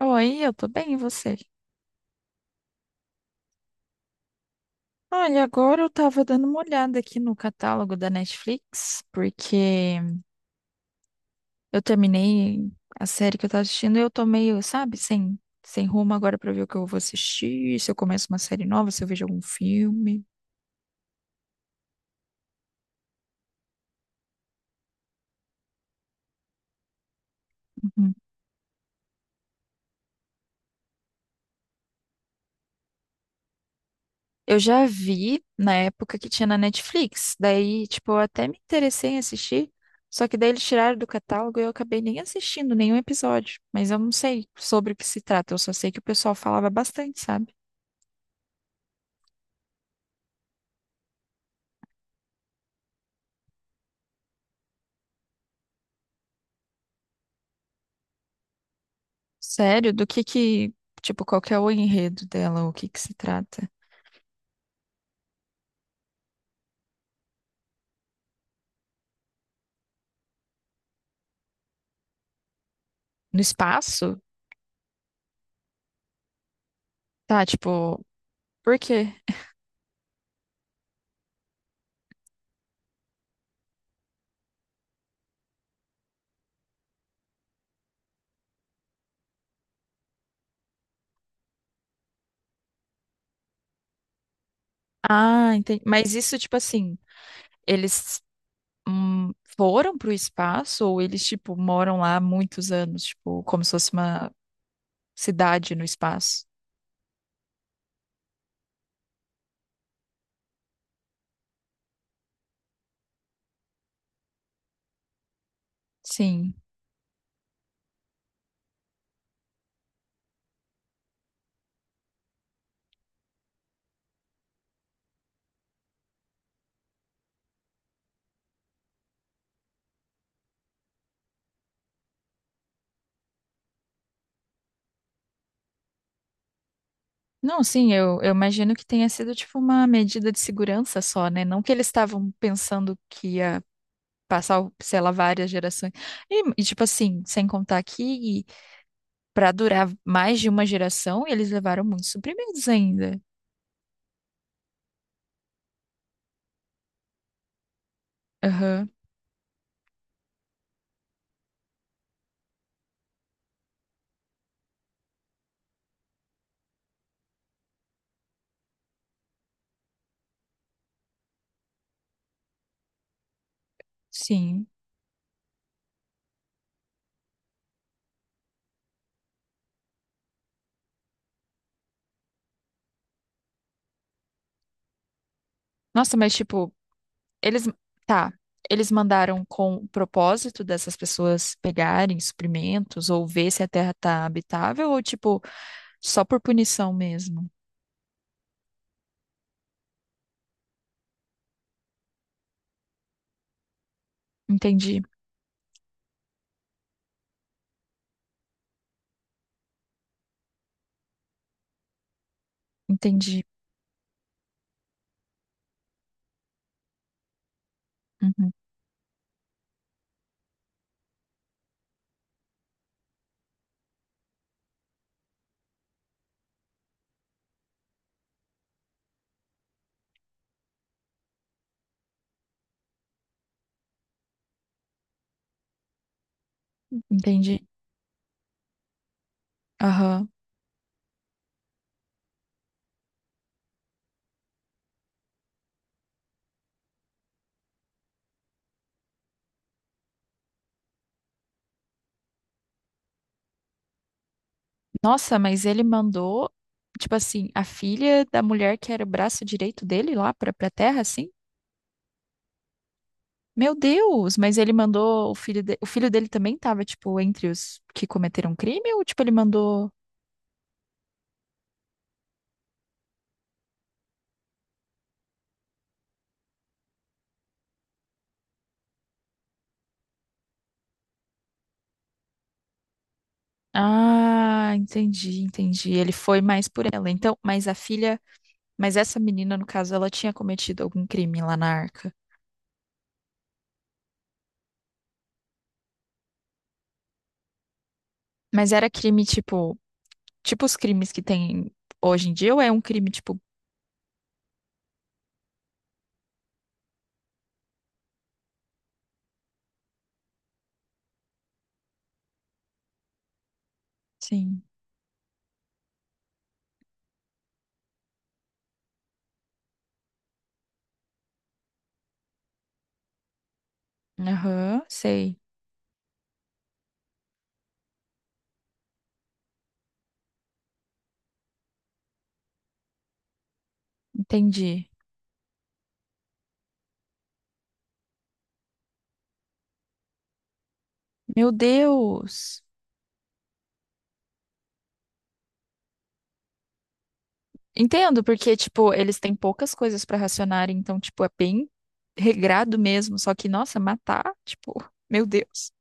Oi, eu tô bem, e você? Olha, agora eu tava dando uma olhada aqui no catálogo da Netflix, porque eu terminei a série que eu tava assistindo e eu tô meio, sabe, sem rumo agora pra ver o que eu vou assistir, se eu começo uma série nova, se eu vejo algum filme. Uhum. Eu já vi na época que tinha na Netflix, daí, tipo, eu até me interessei em assistir, só que daí eles tiraram do catálogo e eu acabei nem assistindo nenhum episódio, mas eu não sei sobre o que se trata, eu só sei que o pessoal falava bastante, sabe? Sério? Do que, tipo, qual que é o enredo dela? O que que se trata? No espaço? Tá, tipo, por quê? Ah, entendi. Mas isso, tipo assim, eles hum, foram pro espaço ou eles, tipo, moram lá há muitos anos? Tipo, como se fosse uma cidade no espaço? Sim. Não, sim, eu imagino que tenha sido, tipo, uma medida de segurança só, né? Não que eles estavam pensando que ia passar, sei lá, várias gerações. E tipo assim, sem contar que para durar mais de uma geração e eles levaram muitos suprimentos ainda. Aham, sim. Nossa, mas tipo, eles. Tá. Eles mandaram com o propósito dessas pessoas pegarem suprimentos ou ver se a terra tá habitável ou tipo, só por punição mesmo? Entendi, entendi. Uhum, entendi. Aham. Nossa, mas ele mandou, tipo assim, a filha da mulher que era o braço direito dele lá pra, pra terra, assim? Meu Deus, mas ele mandou o filho de... o filho dele também tava, tipo, entre os que cometeram um crime ou tipo ele mandou. Ah, entendi, entendi. Ele foi mais por ela. Então, mas a filha, mas essa menina, no caso, ela tinha cometido algum crime lá na Arca. Mas era crime tipo, tipo os crimes que tem hoje em dia ou é um crime tipo, sim. Aham, sei. Entendi. Meu Deus. Entendo, porque, tipo, eles têm poucas coisas pra racionar, então, tipo, é bem regrado mesmo. Só que, nossa, matar, tipo, meu Deus.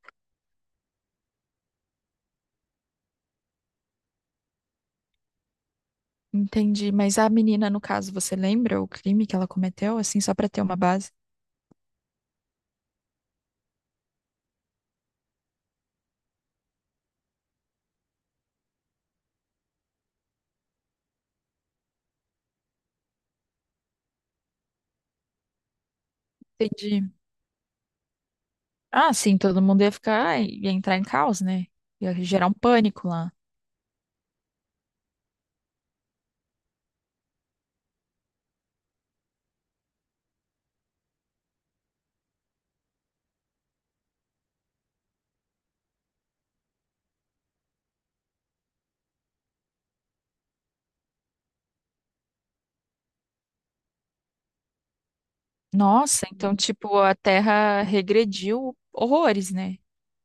Entendi. Mas a menina, no caso, você lembra o crime que ela cometeu, assim, só pra ter uma base? Entendi. Ah, sim, todo mundo ia ficar, ia entrar em caos, né? Ia gerar um pânico lá. Nossa, então, tipo, a Terra regrediu horrores, né?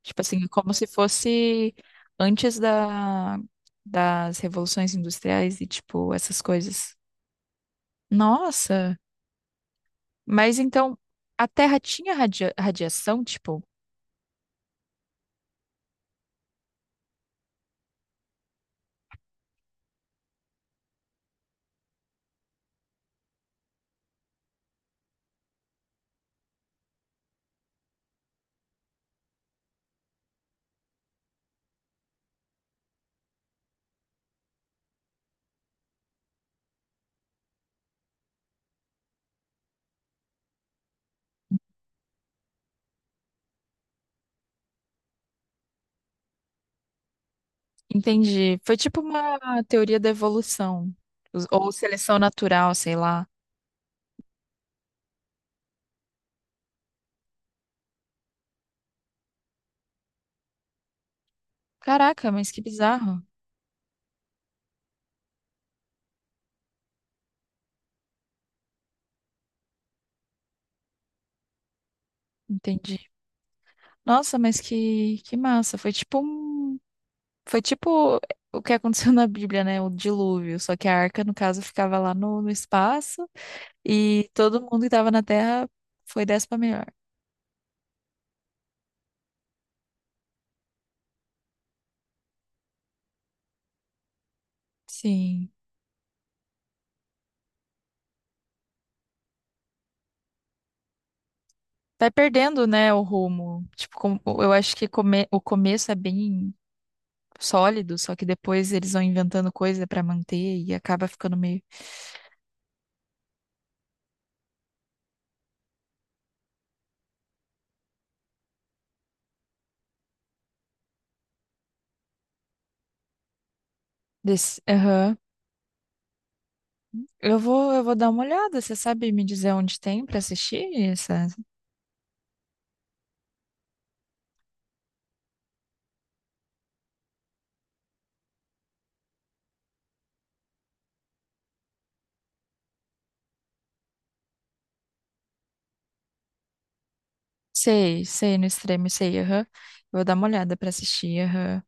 Tipo assim, é como se fosse antes da, das revoluções industriais e, tipo, essas coisas. Nossa, mas então a Terra tinha radia- radiação, tipo, entendi. Foi tipo uma teoria da evolução, os- ou seleção natural, sei lá. Caraca, mas que bizarro. Entendi. Nossa, mas que massa. Foi tipo um. Foi tipo o que aconteceu na Bíblia, né? O dilúvio. Só que a arca, no caso, ficava lá no, no espaço e todo mundo que estava na Terra foi dessa pra melhor. Sim. Vai perdendo, né, o rumo. Tipo, com- eu acho que come- o começo é bem sólido, só que depois eles vão inventando coisa pra manter e acaba ficando meio desse. Eu vou dar uma olhada. Você sabe me dizer onde tem para assistir essa? Sei, sei, no extremo, sei, aham. Eu vou dar uma olhada pra assistir, aham.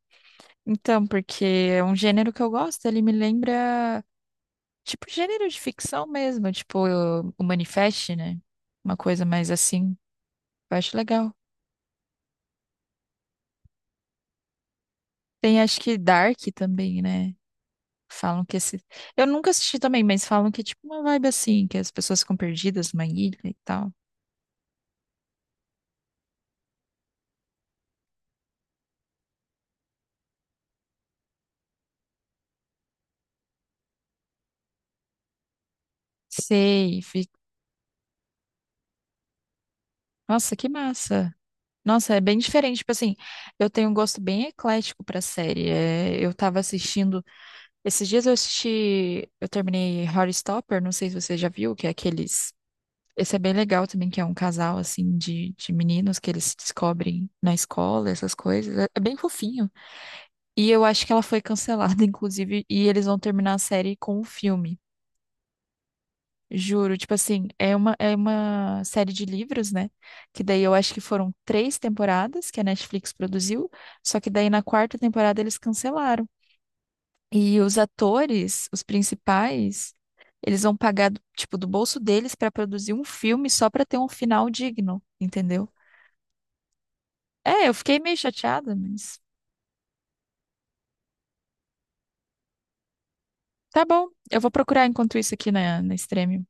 Então, porque é um gênero que eu gosto, ele me lembra, tipo, gênero de ficção mesmo, tipo, o Manifest, né? Uma coisa mais assim. Eu acho legal. Tem acho que Dark também, né? Falam que esse. Eu nunca assisti também, mas falam que é tipo uma vibe assim, que as pessoas ficam perdidas numa ilha e tal. Sei, fi- Nossa, que massa. Nossa, é bem diferente. Tipo assim, eu tenho um gosto bem eclético pra série. É, eu tava assistindo. Esses dias eu assisti. Eu terminei Horrorstopper, não sei se você já viu, que é aqueles. Esse é bem legal também, que é um casal, assim, de meninos que eles se descobrem na escola, essas coisas. É bem fofinho. E eu acho que ela foi cancelada, inclusive, e eles vão terminar a série com um filme. Juro, tipo assim, é uma série de livros, né? Que daí eu acho que foram três temporadas que a Netflix produziu, só que daí na quarta temporada eles cancelaram. E os atores, os principais, eles vão pagar, tipo, do bolso deles pra produzir um filme só pra ter um final digno, entendeu? É, eu fiquei meio chateada, mas tá bom. Eu vou procurar enquanto isso aqui na, na Extreme.